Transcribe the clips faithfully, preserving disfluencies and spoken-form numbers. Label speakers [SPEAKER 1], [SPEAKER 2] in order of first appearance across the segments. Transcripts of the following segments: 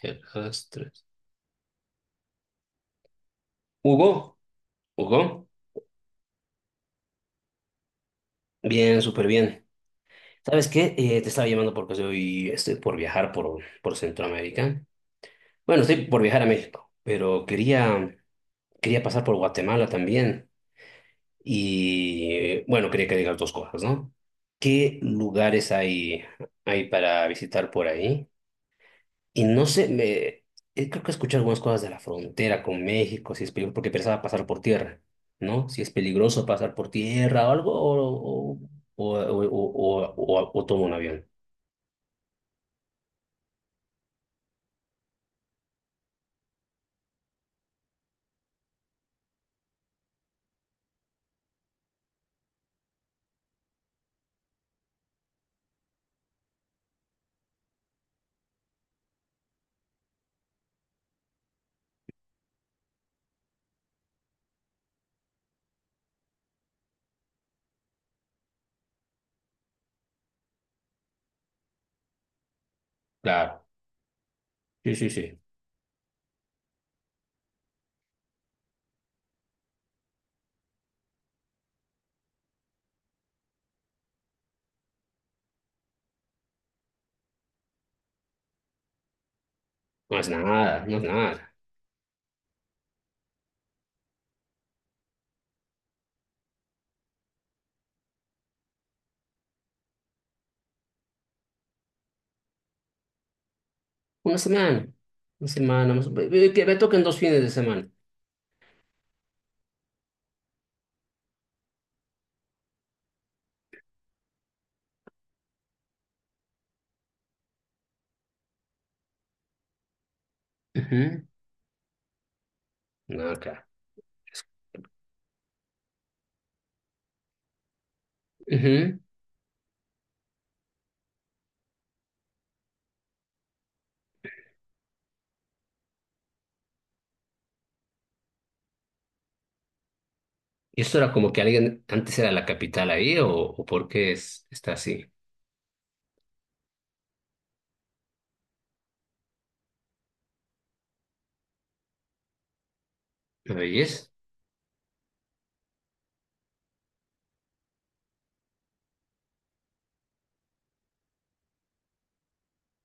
[SPEAKER 1] El Astres. Hugo, Hugo, bien, súper bien. ¿Sabes qué? Eh, te estaba llamando porque soy, estoy por viajar por, por Centroamérica. Bueno, estoy por viajar a México, pero quería, quería pasar por Guatemala también. Y bueno, quería que digas dos cosas, ¿no? ¿Qué lugares hay, hay para visitar por ahí? Y no sé, me, eh, creo que escuché algunas cosas de la frontera con México, si es peligroso, porque pensaba pasar por tierra, ¿no? Si es peligroso pasar por tierra o algo, o, o, o, o, o, o- o tomo un avión. Claro, sí, sí, sí. No es nada, no es nada. Una semana, una semana, más- ve- ve- que me toquen dos fines de semana. Ujú. No, claro. Ujú. ¿Y esto era como que alguien antes era la capital ahí o, o por qué es, está así? ¿No veis?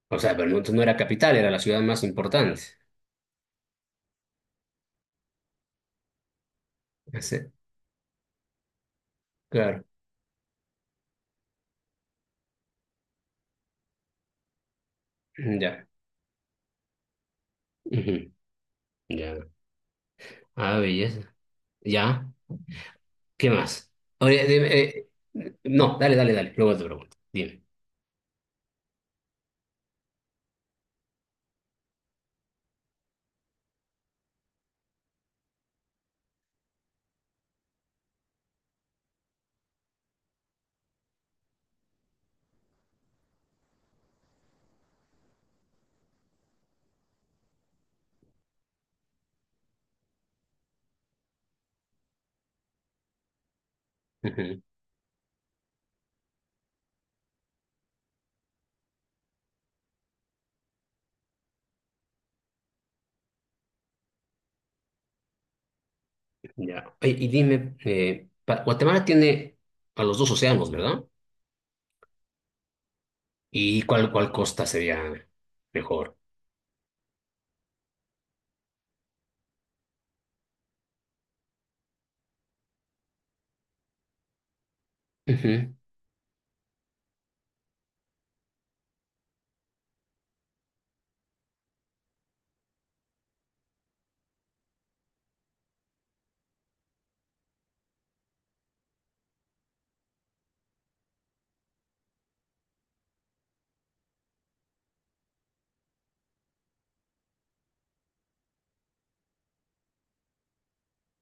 [SPEAKER 1] O sea, pero no entonces no era capital, era la ciudad más importante. Ese, claro, ya. Ujú. Ya. Ah, belleza. Ya. ¿Qué más? Oye, dime, eh, no, dale, dale, dale. Luego te pregunto. Dime. Ujú. Ya. Oye, y, dime, eh, pa- Guatemala tiene a los dos océanos, ¿verdad? ¿Y cuál, cuál costa sería mejor? Ujú.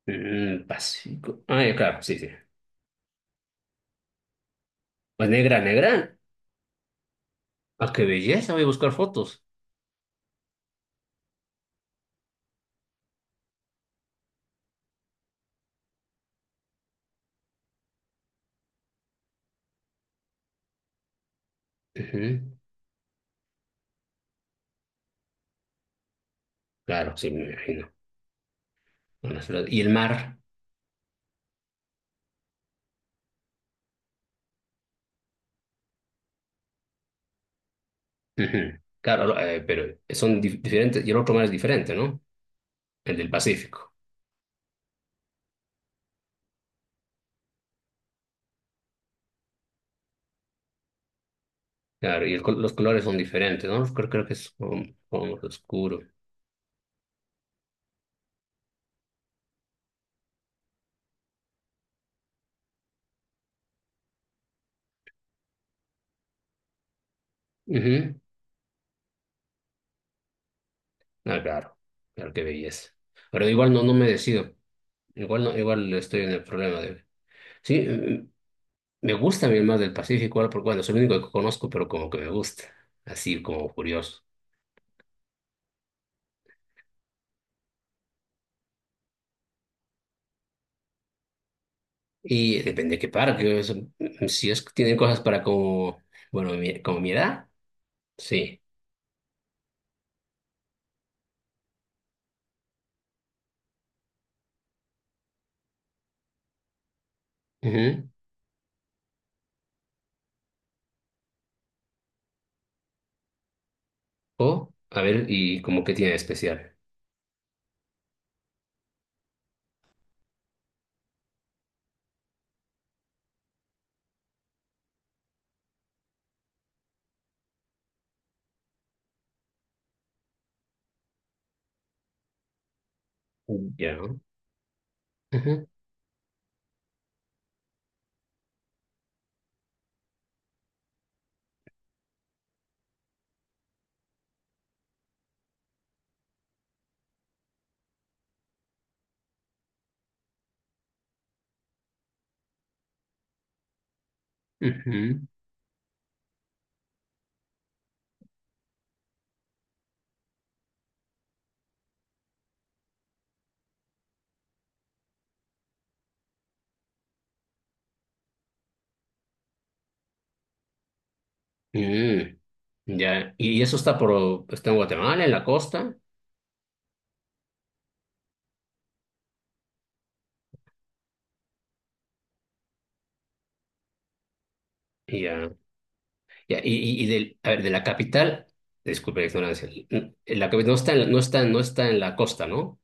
[SPEAKER 1] Mm, Pacífico. Ah, ya, claro, sí, sí. Pues negra, negra. Ah, qué belleza, voy a buscar fotos. Ujú. Claro, sí, me imagino. Con las flores. ¿Y el mar? Ujú. Claro, no, eh, pero son dif- diferentes y el otro mar es diferente, ¿no? El del Pacífico. Claro, y el col- los colores son diferentes, ¿no? Creo, creo que es como, como oscuro. Ujú. Ah, claro, claro, qué belleza. Pero igual no, no me decido. Igual no, igual estoy en el problema de... Sí, mm, me gusta a mí el mar del Pacífico, ahora porque bueno, es el único que conozco, pero como que me gusta, así como curioso. Y depende de qué parque, eso, mm, si es que tienen cosas para como, bueno, mi- como mi edad, sí. O, a ver, ¿y como qué tiene de especial? Ya. Ujú, ujú. Mm, ya. ¿Y eso está por, pues, está en Guatemala, en la costa? Ya. Ya. Y, y, y del, a ver, de la capital, disculpe la ignorancia, n- la capital no está en, la- no está, no está en la costa, ¿no?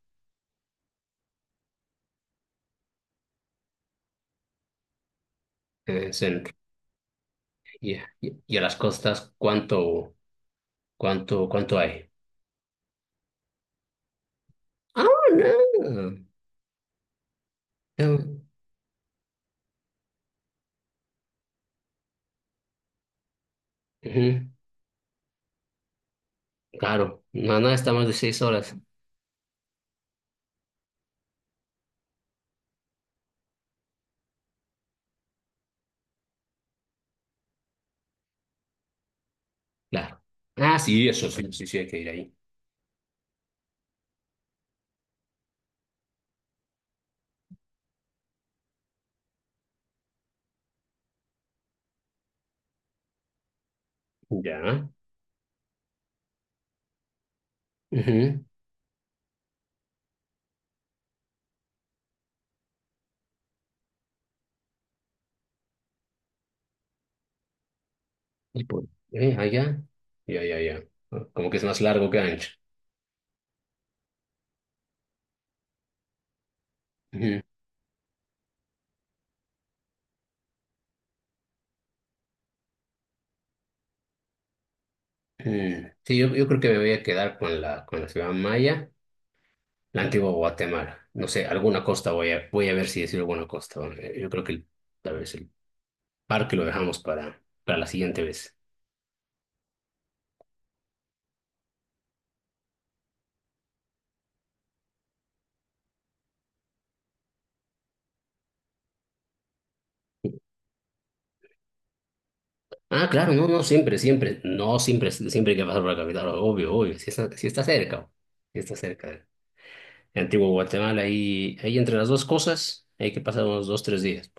[SPEAKER 1] En el centro. Ya. Y, y a las costas, ¿cuánto, cuánto, cuánto hay? Ah, no. Ah, ujú. Claro, no, no, está más de seis horas. Claro. Ah, sí, eso sí, sí, sí, hay que ir ahí. Ya. Ujú, y por eh, allá. Ya, ya, ya. Ah, como que es más largo que ancho. Ujú, ujú. Sí, yo, yo creo que me voy a quedar con la, con la ciudad maya, la antigua Guatemala. No sé, alguna costa voy a, voy a ver si decir alguna costa. Bueno, eh, yo creo que el- tal vez el parque lo dejamos para, para la siguiente vez. Ah, claro, no, no, siempre, siempre. No, siempre, siempre hay que pasar por la capital, obvio, obvio. Si está, si está cerca, si está cerca. En Antigua Guatemala, ahí, ahí entre las dos cosas hay que pasar unos dos, tres días.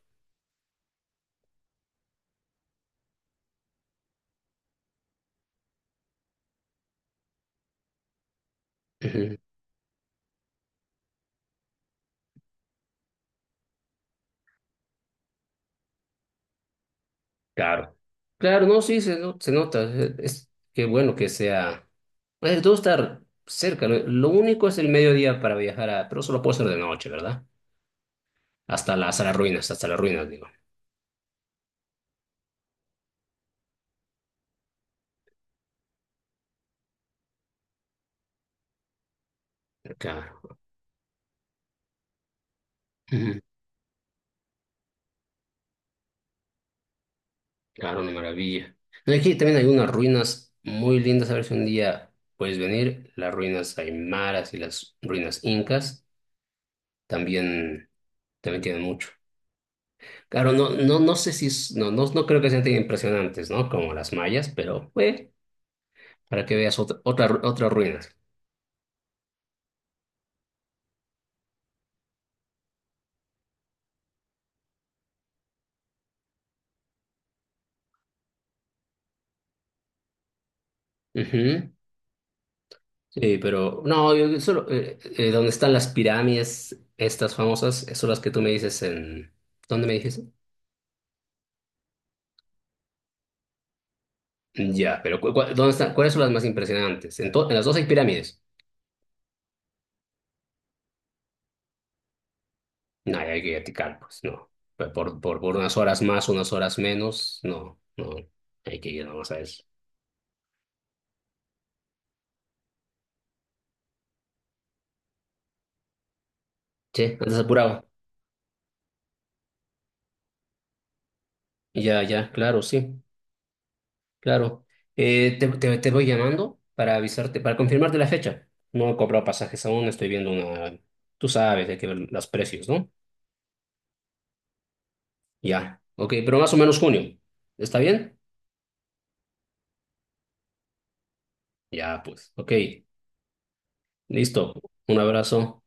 [SPEAKER 1] Claro, claro, no, sí, se, no- se nota. Es, es- qué bueno que sea. Eh, todo estar cerca. Lo, lo único es el mediodía para viajar a. Pero solo puedo hacer de noche, ¿verdad? Hasta las, hasta las ruinas, hasta las ruinas, digo. Claro. Ujú, claro, una maravilla. No, aquí también hay unas ruinas muy lindas. A ver si un día puedes venir. Las ruinas aymaras y las ruinas incas también, también tienen mucho. Claro, no, no, no sé si. es- No, no, no creo que sean tan impresionantes, ¿no? Como las mayas, pero bueno, para que veas otra, otra, ru- otra ruina. Ujú. Sí, pero no, yo yo solo, eh, eh, donde están las pirámides, estas famosas, eh, son las que tú me dices en... ¿Dónde me dijiste? Ya, pero cu- cu- ¿dónde están? ¿Cuáles son las más impresionantes? ¿En, to- en las dos hay pirámides? No, hay que eticar, pues no. Por, por, por por unas horas más, unas horas menos, no, no. Hay que ir nomás a eso. Che, andas apurado. Ya, ya, claro, sí. Claro. Eh, te, te, te voy llamando para avisarte, para confirmarte la fecha. No he cobrado pasajes aún, estoy viendo una... Tú sabes, hay que ver los precios, ¿no? Ya. Ok, pero más o menos junio. ¿Está bien? Ya, pues. Ok. Listo. Un abrazo.